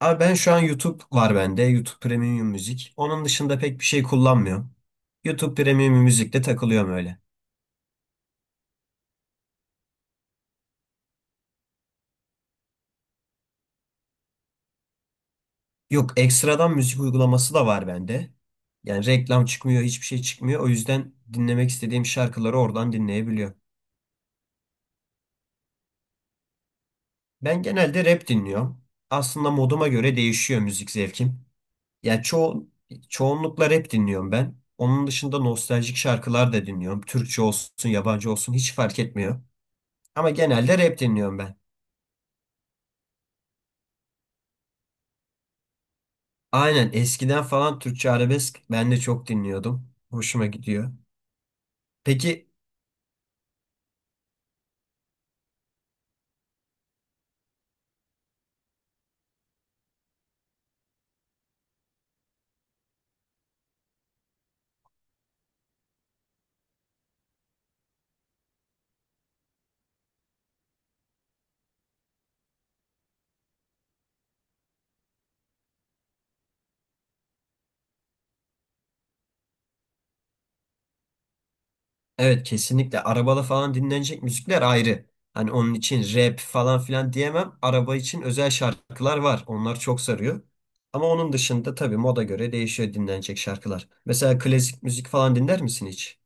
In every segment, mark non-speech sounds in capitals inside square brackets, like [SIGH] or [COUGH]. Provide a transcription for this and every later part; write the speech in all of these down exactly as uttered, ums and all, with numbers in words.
Abi ben şu an YouTube var bende. YouTube Premium Müzik. Onun dışında pek bir şey kullanmıyorum. YouTube Premium Müzik'te takılıyorum öyle. Yok ekstradan müzik uygulaması da var bende. Yani reklam çıkmıyor, hiçbir şey çıkmıyor. O yüzden dinlemek istediğim şarkıları oradan dinleyebiliyorum. Ben genelde rap dinliyorum. Aslında moduma göre değişiyor müzik zevkim. Ya çoğu Çoğunlukla rap dinliyorum ben. Onun dışında nostaljik şarkılar da dinliyorum. Türkçe olsun, yabancı olsun hiç fark etmiyor. Ama genelde rap dinliyorum ben. Aynen eskiden falan Türkçe arabesk ben de çok dinliyordum. Hoşuma gidiyor. Peki evet, kesinlikle arabada falan dinlenecek müzikler ayrı. Hani onun için rap falan filan diyemem. Araba için özel şarkılar var. Onlar çok sarıyor. Ama onun dışında tabii moda göre değişiyor dinlenecek şarkılar. Mesela klasik müzik falan dinler misin hiç?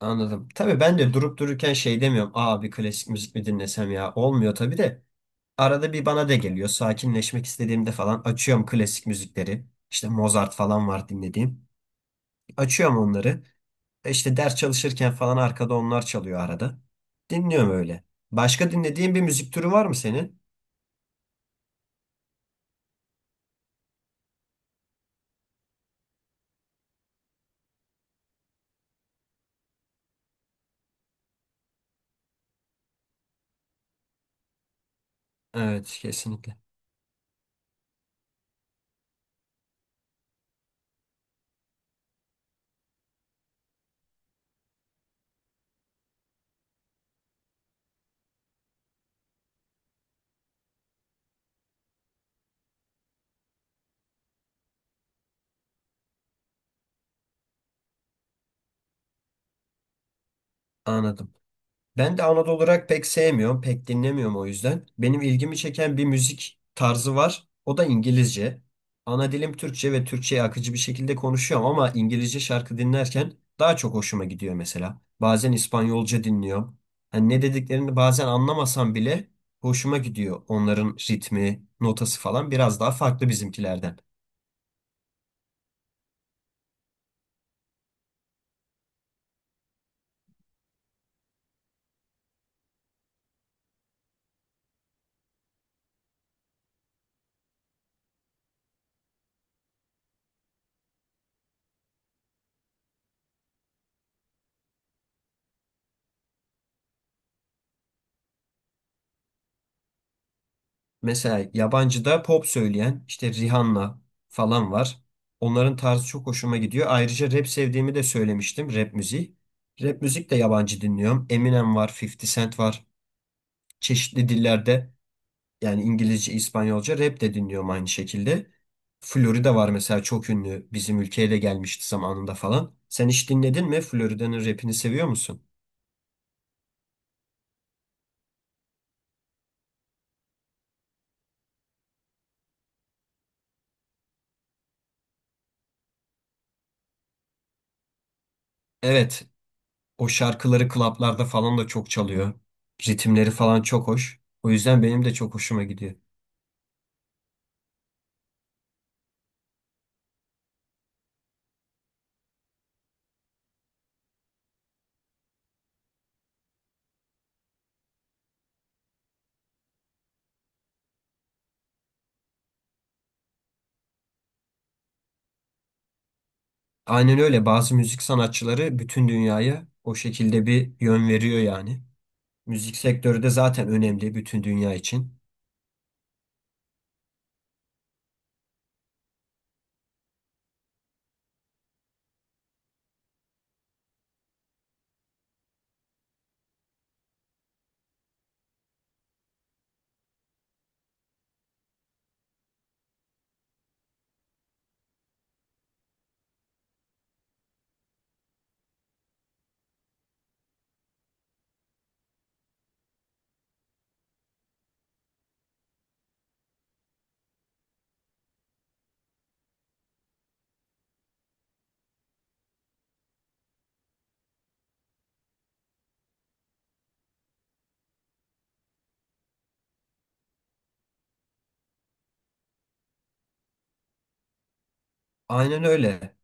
Anladım. Tabii ben de durup dururken şey demiyorum. Aa, bir klasik müzik mi dinlesem ya? Olmuyor tabii de. Arada bir bana da geliyor. Sakinleşmek istediğimde falan açıyorum klasik müzikleri. İşte Mozart falan var dinlediğim. Açıyorum onları. E İşte ders çalışırken falan arkada onlar çalıyor arada. Dinliyorum öyle. Başka dinlediğin bir müzik türü var mı senin? Evet, kesinlikle. Anladım. Ben de Anadolu olarak pek sevmiyorum, pek dinlemiyorum o yüzden. Benim ilgimi çeken bir müzik tarzı var. O da İngilizce. Ana dilim Türkçe ve Türkçe'yi akıcı bir şekilde konuşuyorum ama İngilizce şarkı dinlerken daha çok hoşuma gidiyor mesela. Bazen İspanyolca dinliyorum. Hani ne dediklerini bazen anlamasam bile hoşuma gidiyor. Onların ritmi, notası falan biraz daha farklı bizimkilerden. Mesela yabancıda pop söyleyen işte Rihanna falan var. Onların tarzı çok hoşuma gidiyor. Ayrıca rap sevdiğimi de söylemiştim. Rap müziği. Rap müzik de yabancı dinliyorum. Eminem var, elli Cent var. Çeşitli dillerde yani İngilizce, İspanyolca rap de dinliyorum aynı şekilde. Florida var mesela, çok ünlü. Bizim ülkeye de gelmişti zamanında falan. Sen hiç dinledin mi? Florida'nın rapini seviyor musun? Evet. O şarkıları klaplarda falan da çok çalıyor. Ritimleri falan çok hoş. O yüzden benim de çok hoşuma gidiyor. Aynen öyle, bazı müzik sanatçıları bütün dünyaya o şekilde bir yön veriyor yani. Müzik sektörü de zaten önemli bütün dünya için. Aynen öyle.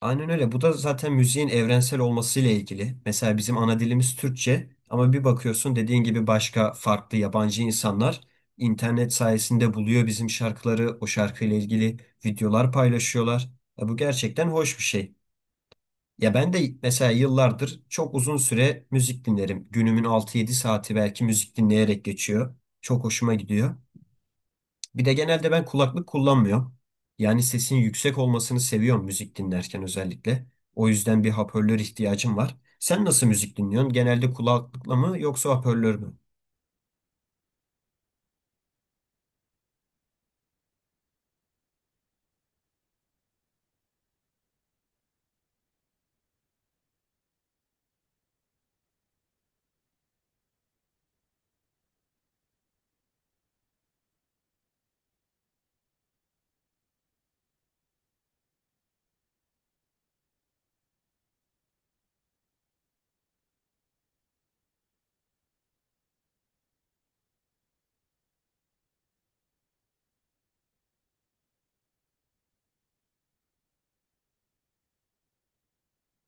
Aynen öyle. Bu da zaten müziğin evrensel olmasıyla ilgili. Mesela bizim ana dilimiz Türkçe ama bir bakıyorsun, dediğin gibi başka farklı yabancı insanlar internet sayesinde buluyor bizim şarkıları, o şarkıyla ilgili videolar paylaşıyorlar. Ya bu gerçekten hoş bir şey. Ya ben de mesela yıllardır çok uzun süre müzik dinlerim. Günümün altı yedi saati belki müzik dinleyerek geçiyor. Çok hoşuma gidiyor. Bir de genelde ben kulaklık kullanmıyorum. Yani sesin yüksek olmasını seviyorum müzik dinlerken özellikle. O yüzden bir hoparlör ihtiyacım var. Sen nasıl müzik dinliyorsun? Genelde kulaklıkla mı yoksa hoparlör mü?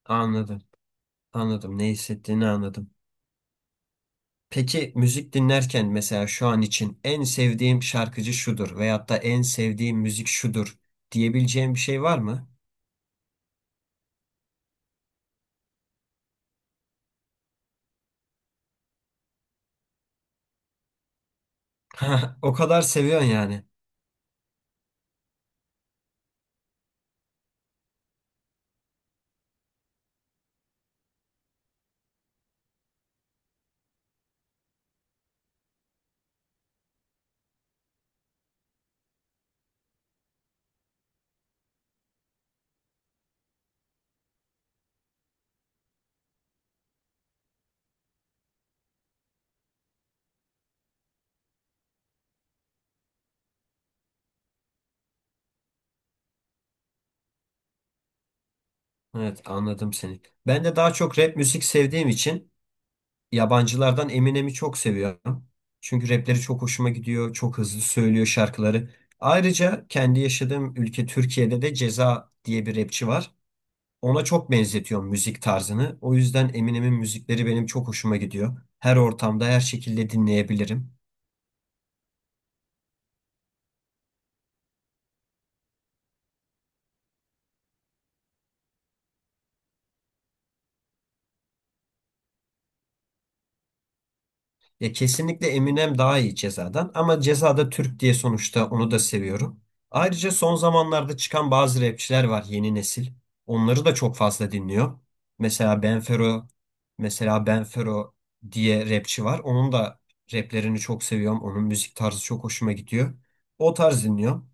Anladım. Anladım. Ne hissettiğini anladım. Peki müzik dinlerken mesela, şu an için en sevdiğim şarkıcı şudur veyahut da en sevdiğim müzik şudur diyebileceğim bir şey var mı? [LAUGHS] O kadar seviyorsun yani. Evet, anladım seni. Ben de daha çok rap müzik sevdiğim için yabancılardan Eminem'i çok seviyorum. Çünkü rapleri çok hoşuma gidiyor. Çok hızlı söylüyor şarkıları. Ayrıca kendi yaşadığım ülke Türkiye'de de Ceza diye bir rapçi var. Ona çok benzetiyorum müzik tarzını. O yüzden Eminem'in müzikleri benim çok hoşuma gidiyor. Her ortamda, her şekilde dinleyebilirim. Ya kesinlikle Eminem daha iyi Ceza'dan, ama Ceza'da Türk diye sonuçta onu da seviyorum. Ayrıca son zamanlarda çıkan bazı rapçiler var, yeni nesil. Onları da çok fazla dinliyor. Mesela Benfero, Mesela Benfero diye rapçi var. Onun da raplerini çok seviyorum. Onun müzik tarzı çok hoşuma gidiyor. O tarz dinliyorum.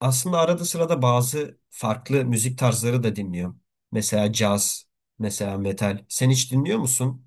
Aslında arada sırada bazı farklı müzik tarzları da dinliyorum. Mesela caz, mesela metal. Sen hiç dinliyor musun?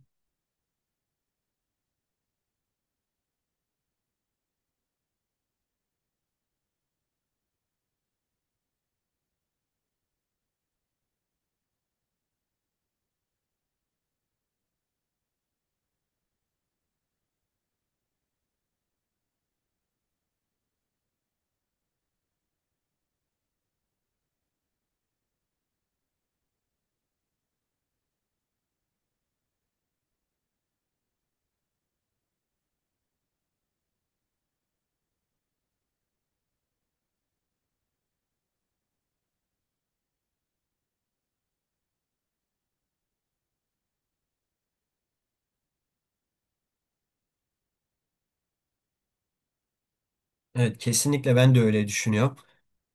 Evet, kesinlikle ben de öyle düşünüyorum.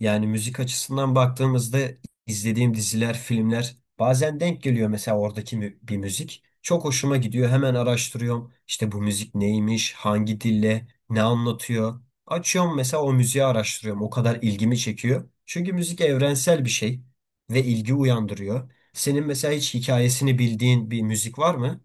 Yani müzik açısından baktığımızda izlediğim diziler, filmler bazen denk geliyor, mesela oradaki mü- bir müzik. Çok hoşuma gidiyor. Hemen araştırıyorum. İşte bu müzik neymiş, hangi dille, ne anlatıyor. Açıyorum mesela, o müziği araştırıyorum. O kadar ilgimi çekiyor. Çünkü müzik evrensel bir şey ve ilgi uyandırıyor. Senin mesela hiç hikayesini bildiğin bir müzik var mı?